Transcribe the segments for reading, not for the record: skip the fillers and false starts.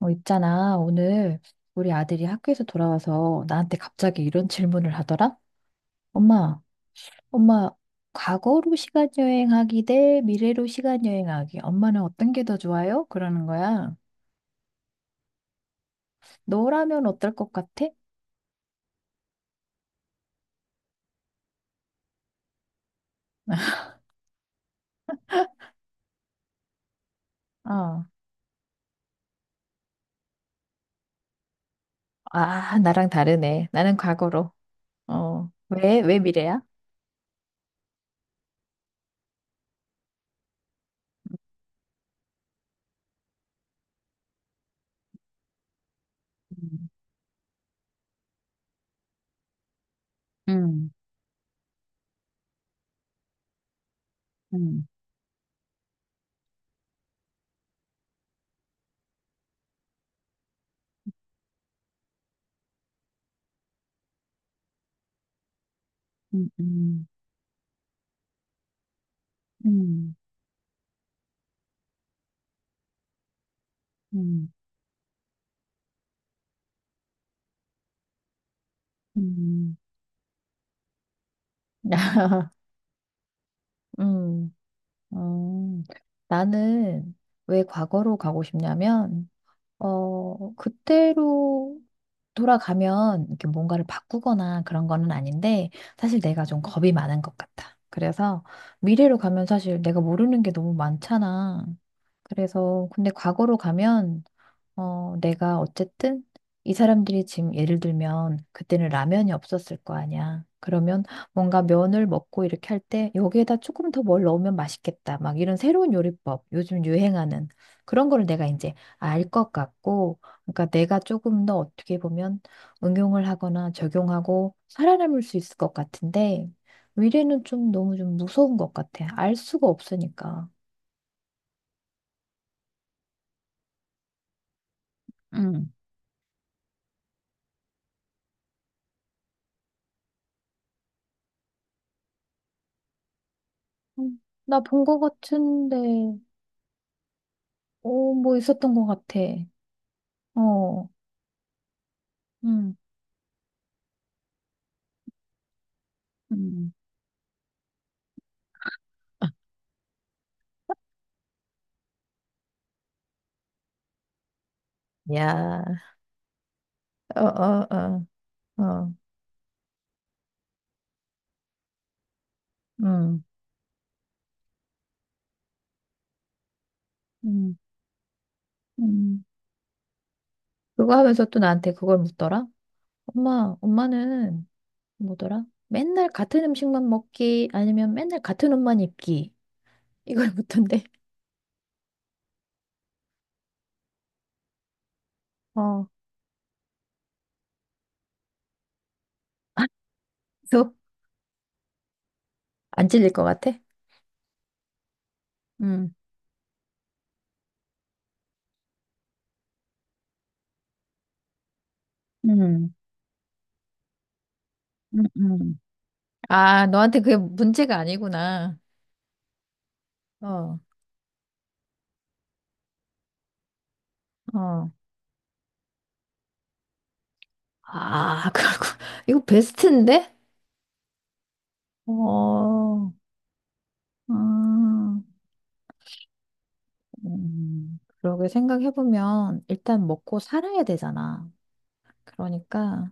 있잖아. 오늘 우리 아들이 학교에서 돌아와서 나한테 갑자기 이런 질문을 하더라. 엄마, 엄마, 과거로 시간 여행하기 대 미래로 시간 여행하기. 엄마는 어떤 게 더 좋아요? 그러는 거야. 너라면 어떨 것 같아? 어. 아, 나랑 다르네. 나는 과거로. 어. 왜 미래야? 음, 음, 음, 음, 음, 음, 음. 음. 음. 음, 나는 왜 과거로 가고 싶냐면, 그때로 돌아가면 이렇게 뭔가를 바꾸거나 그런 거는 아닌데, 사실 내가 좀 겁이 많은 것 같아. 그래서 미래로 가면 사실 내가 모르는 게 너무 많잖아. 그래서 근데 과거로 가면 내가 어쨌든 이 사람들이 지금 예를 들면 그때는 라면이 없었을 거 아니야. 그러면 뭔가 면을 먹고 이렇게 할 때 여기에다 조금 더 뭘 넣으면 맛있겠다. 막 이런 새로운 요리법, 요즘 유행하는 그런 거를 내가 이제 알 것 같고, 그러니까 내가 조금 더 어떻게 보면 응용을 하거나 적용하고 살아남을 수 있을 것 같은데, 미래는 좀 너무 좀 무서운 것 같아. 알 수가 없으니까. 응. 나 본 것 같은데. 어, 뭐 있었던 것 같아. 어, 음, 음, 야, 어, 어, 어, 어, 음, 음, 음. 그거 하면서 또 나한테 그걸 묻더라. 엄마, 엄마는 뭐더라? 맨날 같은 음식만 먹기 아니면 맨날 같은 옷만 입기 이걸 묻던데. 어. 그래서 안 질릴 것 같아? 음, 음, 음, 음. 아, 너한테 그게 문제가 아니구나. 어, 어. 아, 그렇고 이거 베스트인데? 어, 음, 그러게 생각해보면 일단 먹고 살아야 되잖아. 그러니까,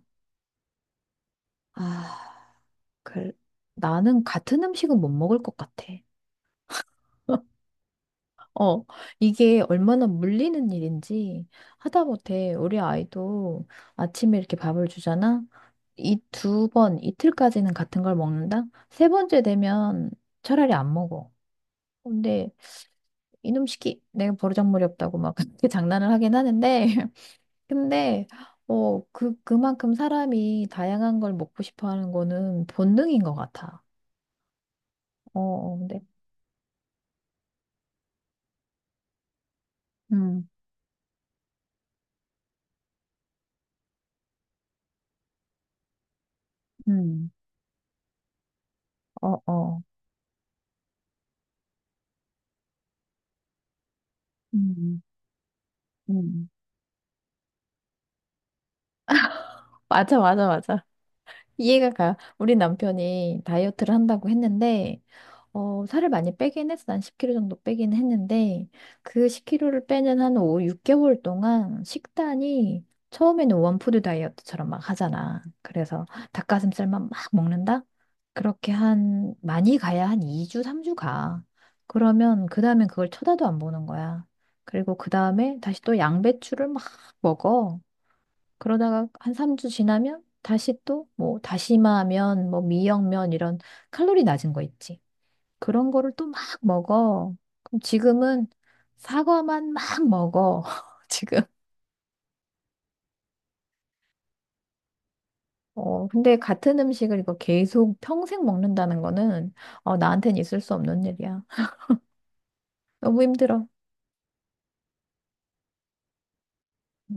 아, 그, 나는 같은 음식은 못 먹을 것 같아. 어, 이게 얼마나 물리는 일인지 하다못해 우리 아이도 아침에 이렇게 밥을 주잖아. 이 두 번, 이틀까지는 같은 걸 먹는다. 세 번째 되면 차라리 안 먹어. 근데 이놈 시키 내가 버르장머리 없다고 막 그렇게 장난을 하긴 하는데 근데 그만큼 사람이 다양한 걸 먹고 싶어 하는 거는 본능인 것 같아. 어 어, 근데 음, 음, 어 어. 음, 음, 맞아 맞아 맞아. 이해가 가. 우리 남편이 다이어트를 한다고 했는데 살을 많이 빼긴 했어. 한 10kg 정도 빼긴 했는데, 그 10kg를 빼는 한 5, 6개월 동안 식단이 처음에는 원푸드 다이어트처럼 막 하잖아. 그래서 닭가슴살만 막 먹는다? 그렇게 한, 많이 가야 한 2주, 3주 가. 그러면 그 다음엔 그걸 쳐다도 안 보는 거야. 그리고 그 다음에 다시 또 양배추를 막 먹어. 그러다가 한 3주 지나면 다시 또 뭐 다시마면, 뭐 미역면 이런 칼로리 낮은 거 있지. 그런 거를 또 막 먹어. 그럼 지금은 사과만 막 먹어. 지금. 어, 근데 같은 음식을 이거 계속 평생 먹는다는 거는, 어, 나한텐 있을 수 없는 일이야. 너무 힘들어.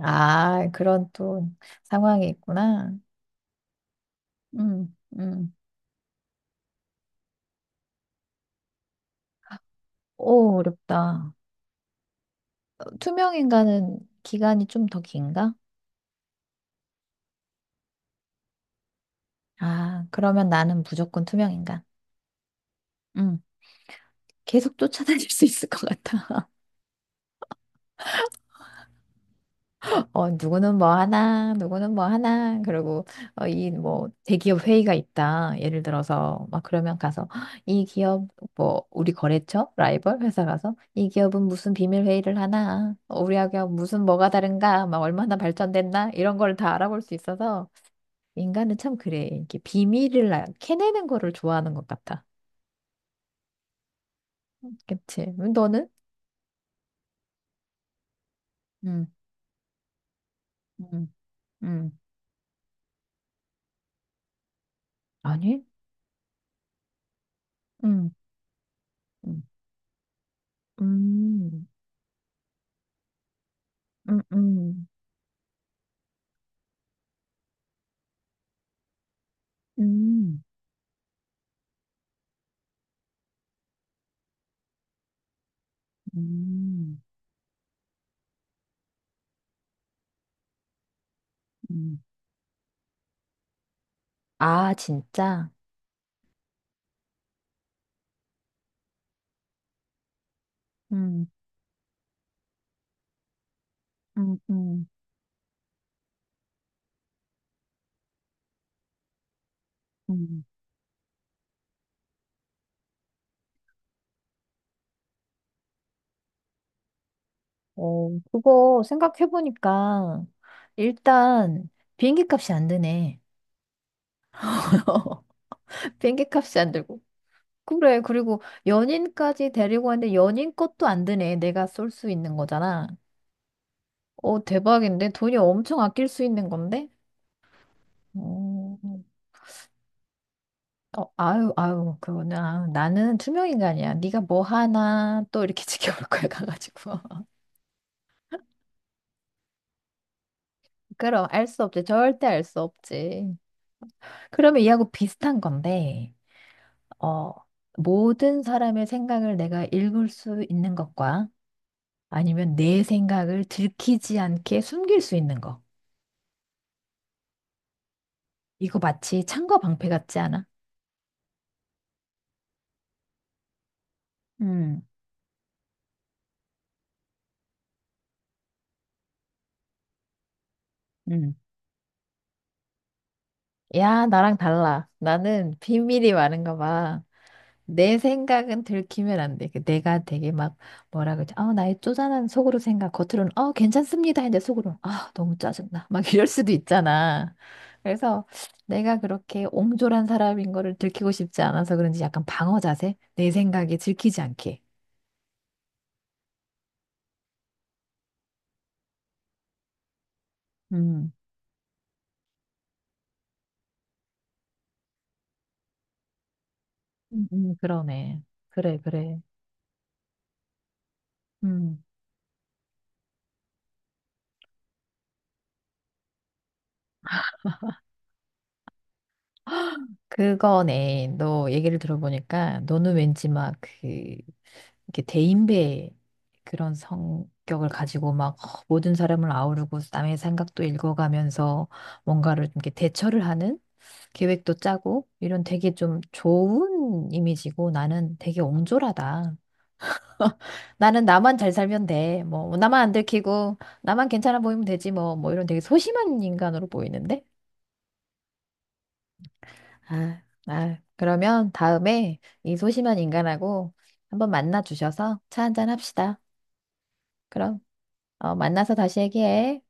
아, 그런 또 상황이 있구나. 음, 음. 오, 어렵다. 어, 투명 인간은 기간이 좀 더 긴가? 아, 그러면 나는 무조건 투명 인간. 음, 계속 쫓아다닐 수 있을 것 같아. 어, 누구는 뭐 하나, 누구는 뭐 하나, 그리고, 어, 이, 뭐, 대기업 회의가 있다. 예를 들어서, 막, 그러면 가서, "헉, 이 기업, 뭐, 우리 거래처? 라이벌? 회사 가서, 이 기업은 무슨 비밀 회의를 하나? 어, 우리하고 무슨 뭐가 다른가? 막, 얼마나 발전됐나? 이런 걸 다 알아볼 수 있어서, 인간은 참 그래. 이렇게 비밀을 캐내는 거를 좋아하는 것 같아. 그치? 너는? 음, 음, 음, 아니? 음, 음, 음, 음, 음. 음. 음, 음. 아, 진짜? 음, 음, 음, 음. 어, 그거 생각해보니까, 일단, 비행기 값이 안 드네. 비행기 값이 안 들고. 그래, 그리고 연인까지 데리고 왔는데 연인 것도 안 드네. 내가 쏠 수 있는 거잖아. 어, 대박인데? 돈이 엄청 아낄 수 있는 건데? 어, 어, 아유, 아유, 그거는, 아유, 나는 투명 인간이야. 네가 뭐 하나 또 이렇게 지켜볼 거야, 가가지고. 그럼 알 수 없지. 절대 알 수 없지. 그러면 이하고 비슷한 건데, 어, 모든 사람의 생각을 내가 읽을 수 있는 것과 아니면 내 생각을 들키지 않게 숨길 수 있는 거. 이거 마치 창과 방패 같지 않아? 음, 음. 야, 나랑 달라. 나는 비밀이 많은가 봐. 내 생각은 들키면 안 돼. 그 내가 되게 막 뭐라 그러지? 아, 나의 쪼잔한 속으로 생각, 겉으로는 어, 괜찮습니다. 했는데 속으로는 아, 너무 짜증나. 막 이럴 수도 있잖아. 그래서 내가 그렇게 옹졸한 사람인 거를 들키고 싶지 않아서 그런지 약간 방어 자세? 내 생각이 들키지 않게. 음. 그러네. 그래, 그래. 음. 그거네. 너 얘기를 들어보니까 너는 왠지 막 그, 이렇게 대인배 그런 성격을 가지고 막 모든 사람을 아우르고 남의 생각도 읽어가면서 뭔가를 좀 이렇게 대처를 하는 계획도 짜고 이런 되게 좀 좋은 이미지고 나는 되게 옹졸하다. 나는 나만 잘 살면 돼. 뭐 나만 안 들키고 나만 괜찮아 보이면 되지 뭐 뭐 이런 되게 소심한 인간으로 보이는데? 아, 아, 그러면 다음에 이 소심한 인간하고 한번 만나 주셔서 차 한잔 합시다. 그럼, 어, 만나서 다시 얘기해.